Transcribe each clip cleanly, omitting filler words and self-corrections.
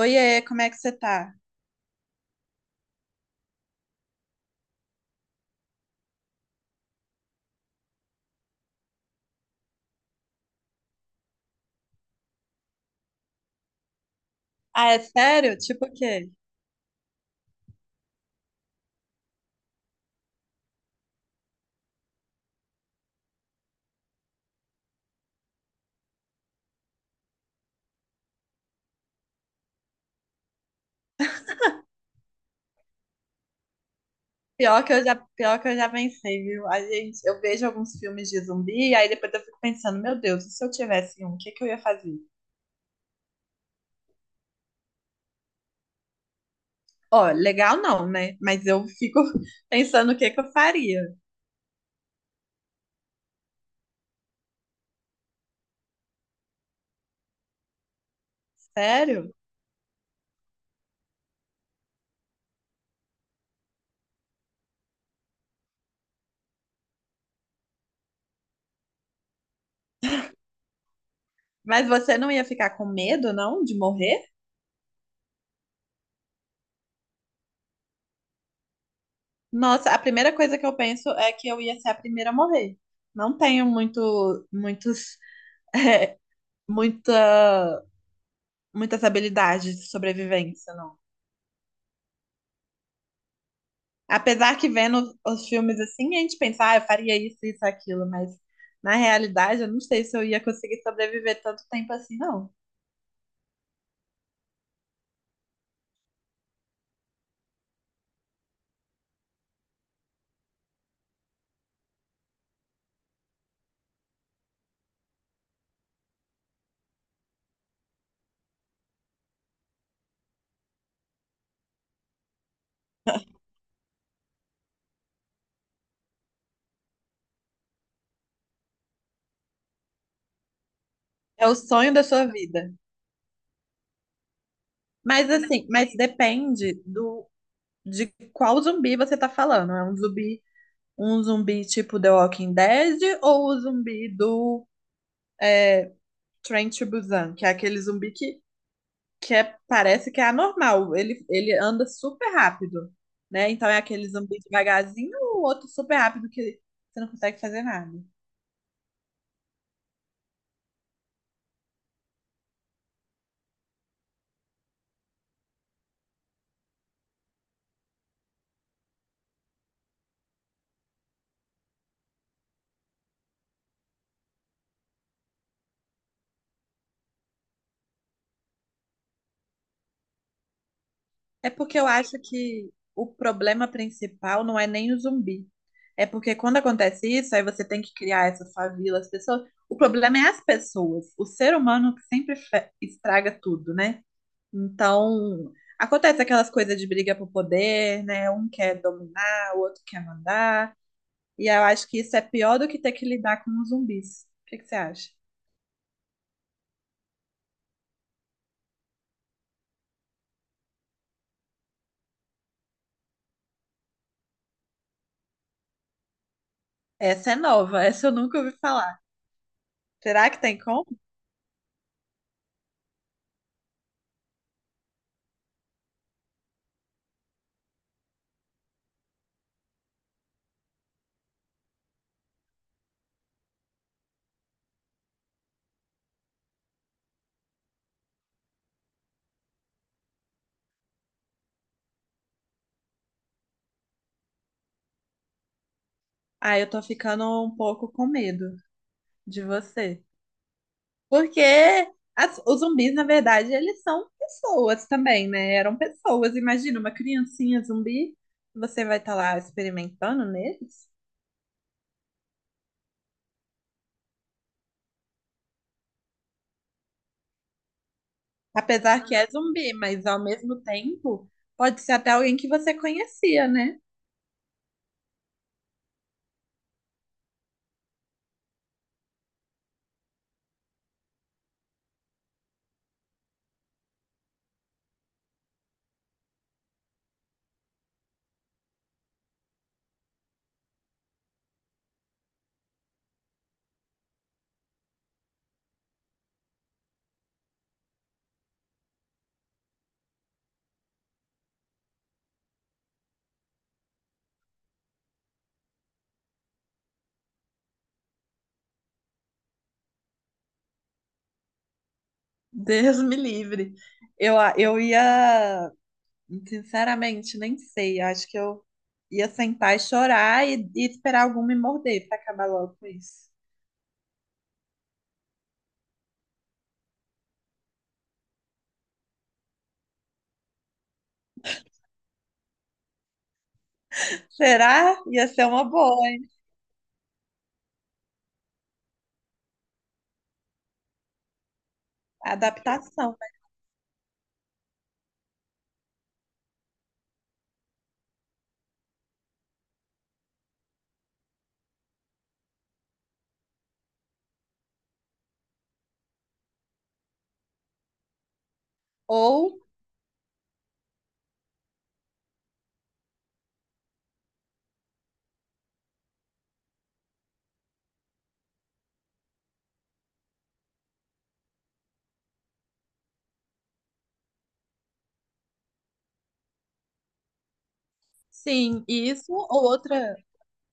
Oiê, como é que você tá? Ah, é sério? Tipo o quê? Pior que eu já pensei, viu? A gente, eu vejo alguns filmes de zumbi e aí depois eu fico pensando, meu Deus, e se eu tivesse um, o que que eu ia fazer? Ó, legal não, né? Mas eu fico pensando o que que eu faria. Sério? Mas você não ia ficar com medo, não, de morrer? Nossa, a primeira coisa que eu penso é que eu ia ser a primeira a morrer. Não tenho muita, muitas habilidades de sobrevivência, não. Apesar que vendo os filmes assim, a gente pensa, ah, eu faria isso, isso, aquilo, mas na realidade eu não sei se eu ia conseguir sobreviver tanto tempo assim, não. É o sonho da sua vida. Mas assim, mas depende do de qual zumbi você tá falando. É um zumbi tipo The Walking Dead ou o zumbi do Train to Busan, que é aquele zumbi que é, parece que é anormal. Ele anda super rápido, né? Então é aquele zumbi devagarzinho, o outro super rápido que você não consegue fazer nada. É porque eu acho que o problema principal não é nem o zumbi. É porque quando acontece isso, aí você tem que criar essa favela, as pessoas. O problema é as pessoas. O ser humano que sempre estraga tudo, né? Então, acontece aquelas coisas de briga por poder, né? Um quer dominar, o outro quer mandar. E eu acho que isso é pior do que ter que lidar com os zumbis. O que que você acha? Essa é nova, essa eu nunca ouvi falar. Será que tem como? Ah, eu tô ficando um pouco com medo de você. Porque os zumbis, na verdade, eles são pessoas também, né? Eram pessoas. Imagina uma criancinha zumbi, você vai estar lá experimentando neles. Apesar que é zumbi, mas ao mesmo tempo, pode ser até alguém que você conhecia, né? Deus me livre. Eu ia sinceramente, nem sei. Acho que eu ia sentar e chorar e esperar algum me morder para acabar logo com isso. Será? Ia ser uma boa, hein? Adaptação, né? Ou, sim, isso ou outra.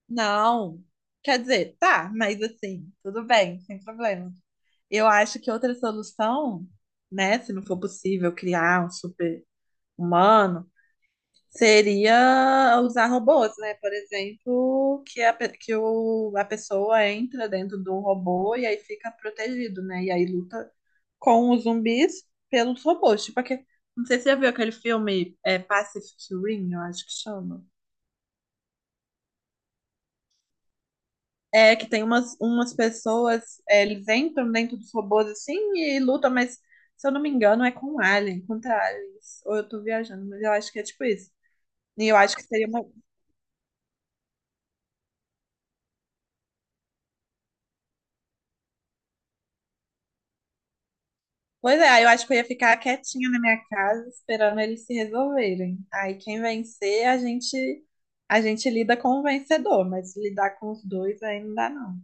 Não. Quer dizer, tá, mas assim, tudo bem, sem problema. Eu acho que outra solução, né, se não for possível criar um super-humano, seria usar robôs, né? Por exemplo, que a pessoa entra dentro do robô e aí fica protegido, né? E aí luta com os zumbis pelos robôs. Tipo, não sei se você já viu aquele filme Pacific Rim, eu acho que chama. É que tem umas pessoas, eles entram dentro dos robôs assim e lutam, mas se eu não me engano é com alien, contra aliens. Ou eu tô viajando, mas eu acho que é tipo isso. E eu acho que seria uma. Pois é, aí eu acho que eu ia ficar quietinha na minha casa esperando eles se resolverem. Aí quem vencer, a gente lida com o vencedor, mas lidar com os dois aí não dá não.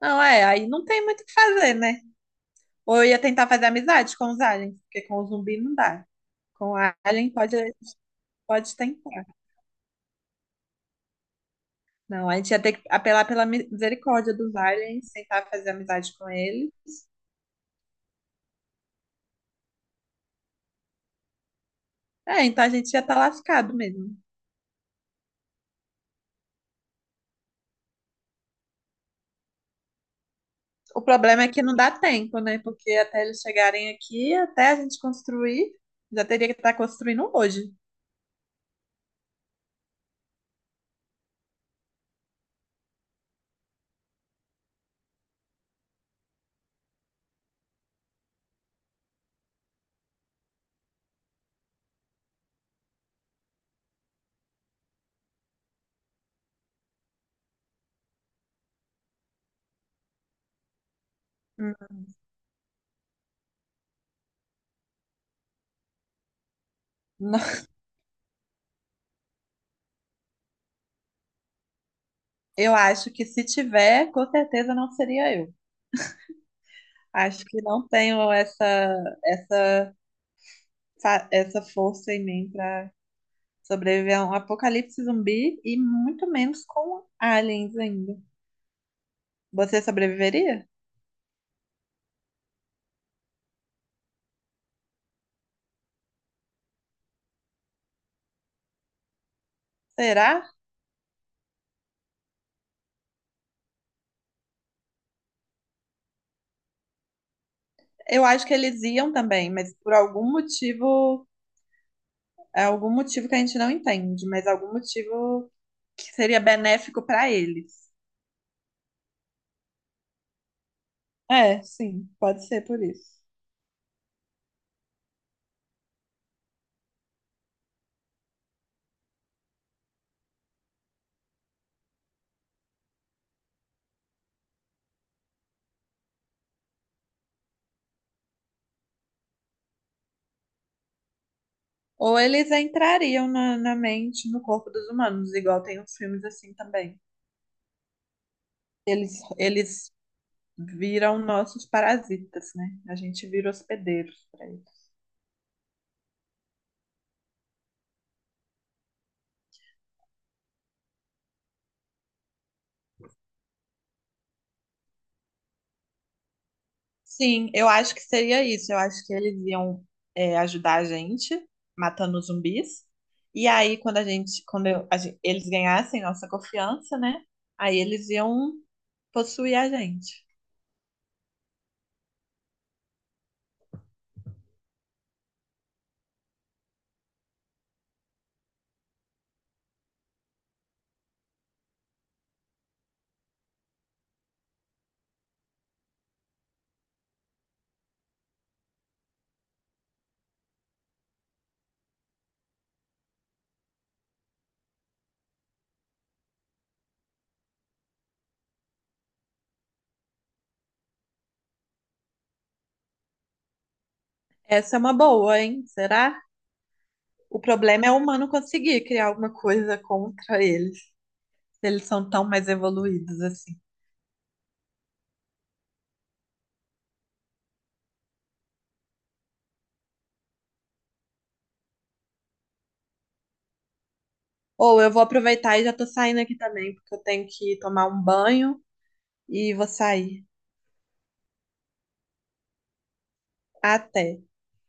Não, é, aí não tem muito o que fazer, né? Ou eu ia tentar fazer amizade com os aliens, porque com o zumbi não dá. Com o alien pode tentar. Não, a gente ia ter que apelar pela misericórdia dos aliens, tentar fazer amizade com eles. É, então a gente ia estar lascado mesmo. O problema é que não dá tempo, né? Porque até eles chegarem aqui, até a gente construir, já teria que estar construindo hoje. Hum, não. Eu acho que se tiver, com certeza não seria eu. Acho que não tenho essa essa força em mim para sobreviver a um apocalipse zumbi e muito menos com aliens ainda. Você sobreviveria? Será? Eu acho que eles iam também, mas por algum motivo, é algum motivo que a gente não entende, mas algum motivo que seria benéfico para eles. É, sim, pode ser por isso. Ou eles entrariam na mente, no corpo dos humanos, igual tem uns filmes assim também. Eles, eles viram nossos parasitas, né? A gente vira hospedeiros para eles. Sim, eu acho que seria isso. Eu acho que eles iam, ajudar a gente matando os zumbis. E aí, quando a gente, quando eu- a gen- eles ganhassem nossa confiança, né? Aí eles iam possuir a gente. Essa é uma boa, hein? Será? O problema é o humano conseguir criar alguma coisa contra eles, se eles são tão mais evoluídos assim. Ou eu vou aproveitar e já tô saindo aqui também, porque eu tenho que tomar um banho e vou sair. Até.